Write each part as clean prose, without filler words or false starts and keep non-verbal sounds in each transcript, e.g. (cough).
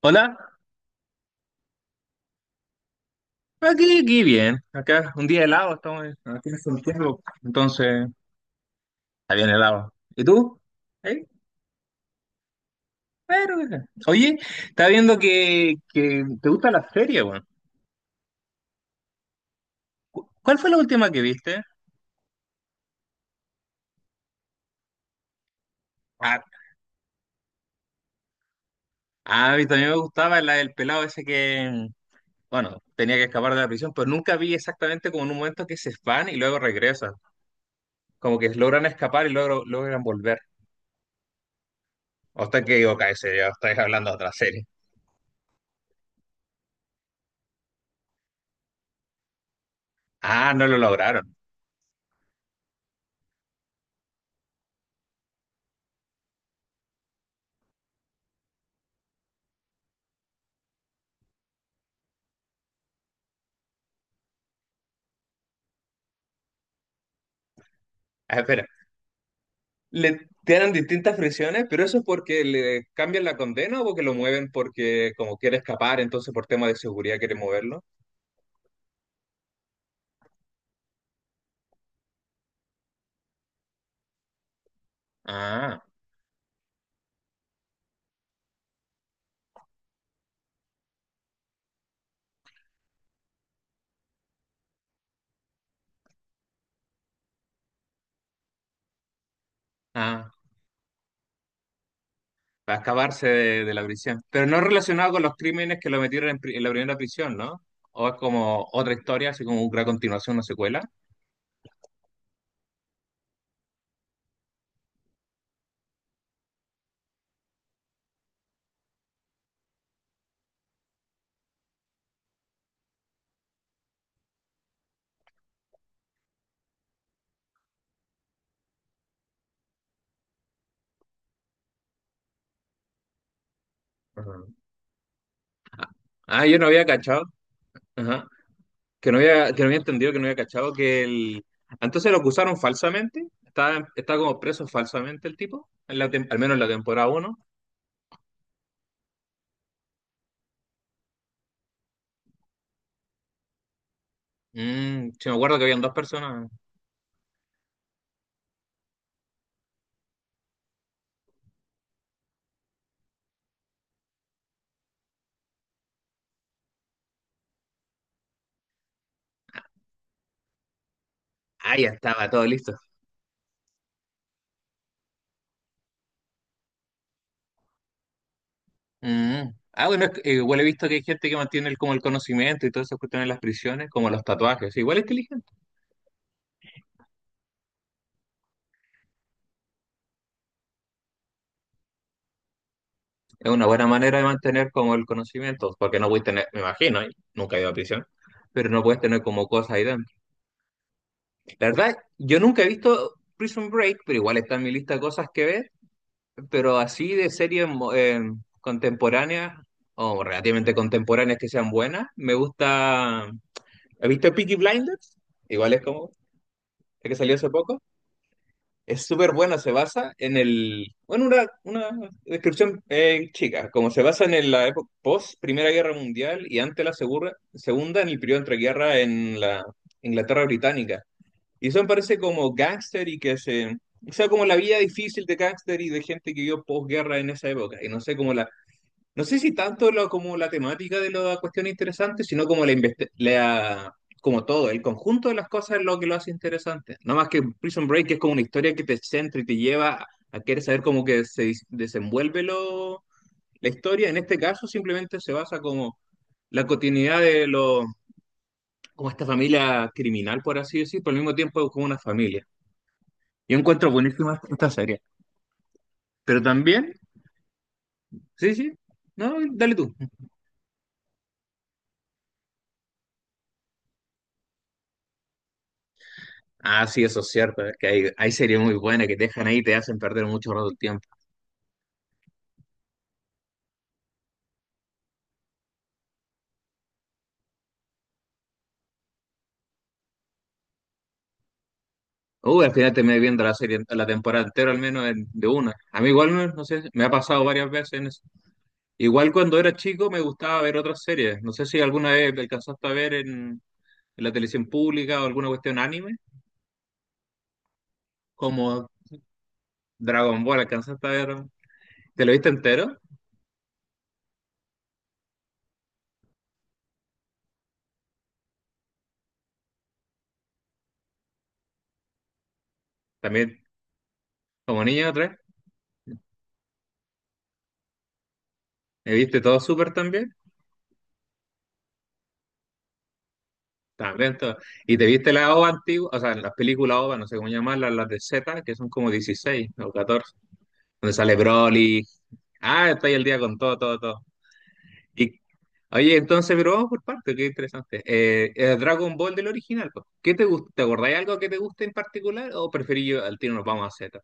Hola, aquí bien, acá un día helado, estamos aquí en Santiago, entonces está bien helado. ¿Y tú? ¿Eh? Pero, oye, está viendo que, te gusta la serie, weón. ¿Cuál fue la última que viste? Ah, ah, a mí también me gustaba la del pelado ese que, bueno, tenía que escapar de la prisión, pero nunca vi exactamente como en un momento que se van y luego regresan, como que logran escapar y luego logran volver. O está que digo, ese, ya estáis hablando de otra serie. Ah, no lo lograron. Ah, espera. Le tienen distintas prisiones, pero ¿eso es porque le cambian la condena o porque lo mueven porque como quiere escapar, entonces por tema de seguridad quiere moverlo? Ah, ah, para escaparse de la prisión. Pero no relacionado con los crímenes que lo metieron en, en la primera prisión, ¿no? O es como otra historia, así como una continuación, una secuela. Ajá. Ah, yo no había cachado. Ajá. Que no había entendido, que no había cachado que el... Entonces lo acusaron falsamente. Está, está como preso falsamente el tipo, en la al menos en la temporada uno. Sí, me acuerdo que habían dos personas. Ah, ya estaba todo listo. Mm. Ah, bueno, es que, igual he visto que hay gente que mantiene el, como el conocimiento y todas esas cuestiones en las prisiones, como los tatuajes. Igual es inteligente. Es una buena manera de mantener como el conocimiento, porque no puedes tener, me imagino, ¿eh? Nunca he ido a prisión, pero no puedes tener como cosas ahí dentro. La verdad, yo nunca he visto Prison Break, pero igual está en mi lista de cosas que ver, pero así de series contemporáneas o relativamente contemporáneas que sean buenas, me gusta. ¿Viste Peaky Blinders? Igual es como el que salió hace poco. Es súper bueno, se basa en el... Bueno, una descripción chica, como se basa en la época post Primera Guerra Mundial y ante la Segunda, en el periodo entre guerra en la Inglaterra Británica. Y son parece como gángster y que se... O sea, como la vida difícil de gángster y de gente que vivió posguerra en esa época. Y no sé, como la, no sé si tanto lo, como la temática de la cuestión interesante, sino como como todo, el conjunto de las cosas es lo que lo hace interesante. No más que Prison Break es como una historia que te centra y te lleva a querer saber cómo que se desenvuelve la historia. En este caso simplemente se basa como la continuidad de como esta familia criminal, por así decir, pero al mismo tiempo es como una familia. Yo encuentro buenísima esta serie. Pero también, sí, sí, no, dale tú. Ah, sí, eso es cierto. Es que hay series muy buenas que te dejan ahí y te hacen perder mucho rato el tiempo. Uy, al final terminé viendo la serie, la temporada entera, al menos de una. A mí igual, no sé, me ha pasado varias veces en eso. Igual cuando era chico me gustaba ver otras series. No sé si alguna vez alcanzaste a ver en, la televisión pública o alguna cuestión anime, como Dragon Ball, alcanzaste a ver. ¿Te lo viste entero? También, como niño otra vez. ¿Me viste todo Súper también? Está lento. ¿Y te viste la OVA antigua? O sea, en las películas OVA, no sé cómo llamarlas, las de Z, que son como 16 o 14 donde sale Broly. Ah, estoy el día con todo, todo, todo. Y, oye, entonces, pero vamos por parte, qué interesante. Dragon Ball del original, pues. ¿Qué te gusta? ¿Te acordáis algo que te guste en particular o preferís yo al tiro nos vamos a Z?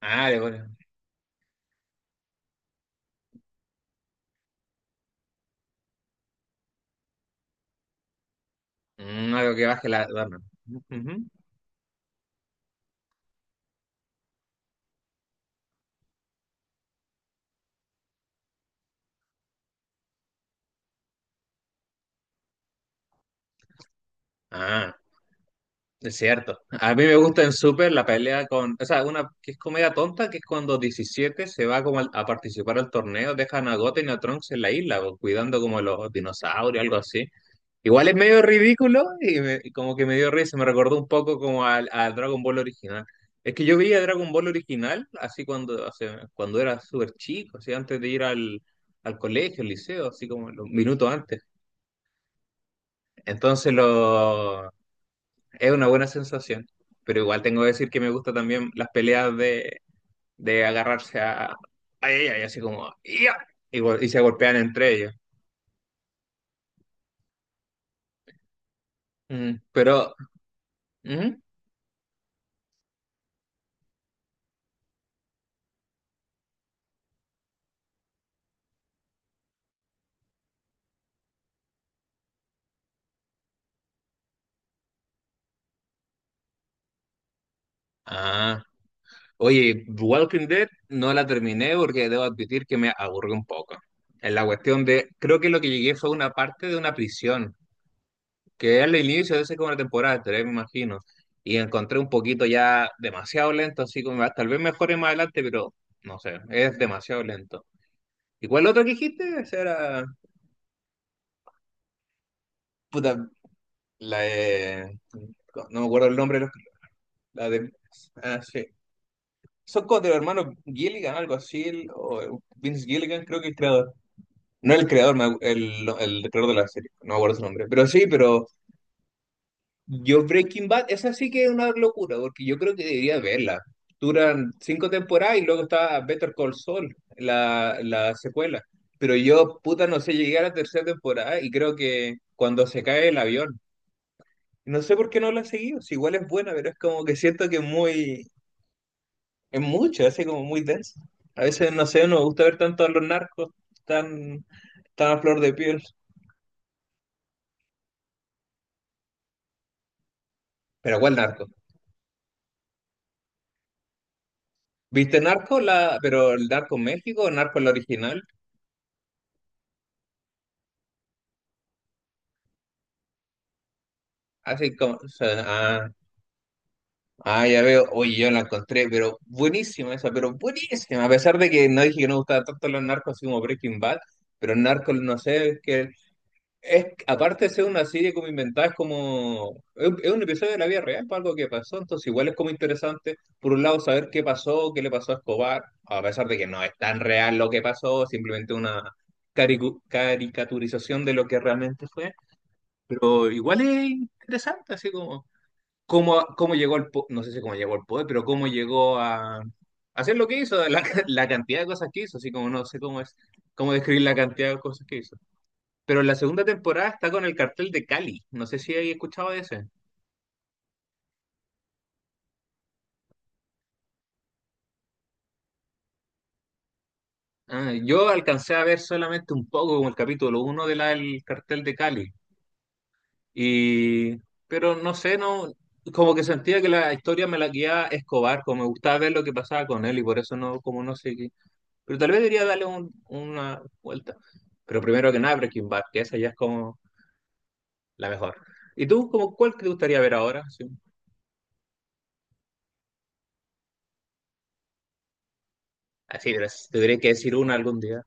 Ah, de bueno. Mm, algo que baje la... Ujú. Ah. Es cierto. A mí me gusta en Super la pelea con, o sea, una que es comedia tonta, que es cuando 17 se va como a participar al torneo, dejan a Goten y a Trunks en la isla, o cuidando como los dinosaurios, algo así. Igual es medio ridículo y, y como que me dio risa, me recordó un poco como al, al Dragon Ball original. Es que yo veía Dragon Ball original así cuando, cuando era súper chico, así antes de ir al, colegio, al liceo, así como los minutos antes. Entonces lo... Es una buena sensación, pero igual tengo que decir que me gusta también las peleas de, agarrarse a, ella y así como "Ya", y, y se golpean entre ellos. Mm. Pero, ujú. Ah, oye, Walking Dead no la terminé porque debo admitir que me aburrió un poco. En la cuestión de, creo que lo que llegué fue una parte de una prisión, que es el inicio de esa, como la temporada tres, me imagino. Y encontré un poquito ya demasiado lento, así como "Ah, tal vez mejore más adelante, pero no sé, es demasiado lento". ¿Y cuál otro que dijiste? Esa era. Puta, la de. No me acuerdo el nombre de los. La de. Ah, sí. Son como de los hermanos Gilligan, algo así, o Vince Gilligan, creo que el creador. No el creador, no, el creador de la serie, no me acuerdo su nombre. Pero sí, pero yo Breaking Bad, esa sí que es una locura, porque yo creo que debería verla. Duran cinco temporadas y luego está Better Call Saul, la secuela. Pero yo, puta, no sé, llegué a la tercera temporada y creo que cuando se cae el avión. No sé por qué no la he seguido, si igual es buena, pero es como que siento que es muy, es mucho, hace como muy denso. A veces, no sé, no me gusta ver tanto a los narcos tan, tan a flor de piel. Pero ¿cuál narco? ¿Viste Narco, la, pero el Narco México o Narco la original? Así como, o sea, ah, ah, ya veo, oye, yo la encontré, pero buenísima esa, pero buenísima. A pesar de que no dije que no me gustaba tanto los narcos así como Breaking Bad, pero Narco, no sé, que es, aparte de ser una serie como inventada, es como. Es un episodio de la vida real, es algo que pasó, entonces igual es como interesante, por un lado, saber qué pasó, qué le pasó a Escobar, a pesar de que no es tan real lo que pasó, simplemente una caricaturización de lo que realmente fue, pero igual es interesante, así como. Cómo llegó no sé si cómo llegó al poder, pero cómo llegó a. Hacer lo que hizo, la, (laughs) la cantidad de cosas que hizo, así como no sé cómo es, cómo describir la cantidad de cosas que hizo. Pero la segunda temporada está con el cartel de Cali. No sé si hay escuchado de ese. Ah, yo alcancé a ver solamente un poco como el capítulo 1 del cartel de Cali. Y, pero no sé, no, como que sentía que la historia me la guiaba Escobar, como me gustaba ver lo que pasaba con él y por eso no, como no sé qué. Pero tal vez debería darle una vuelta. Pero primero que nada, Breaking Bad, que esa ya es como la mejor. ¿Y tú, como cuál te gustaría ver ahora? Sí. Así, pero si tuviera que decir una algún día.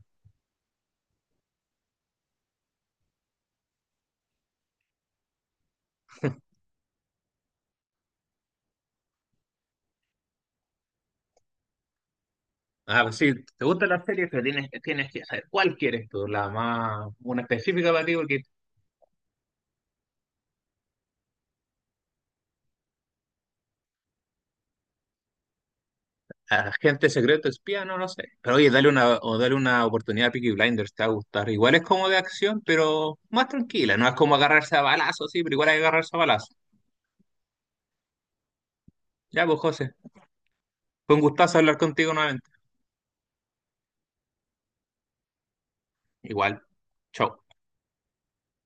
Ah, pues sí, te gustan las series, pero tienes, tienes que saber cuál quieres tú, la más, una específica para ti, porque agente secreto, espía, no lo sé. Pero oye, dale una, o dale una oportunidad a Peaky Blinders, te va a gustar. Igual es como de acción, pero más tranquila, no es como agarrarse a balazos, sí, pero igual hay que agarrarse a balazos. Ya, pues José, fue un gustazo hablar contigo nuevamente. Igual, chao.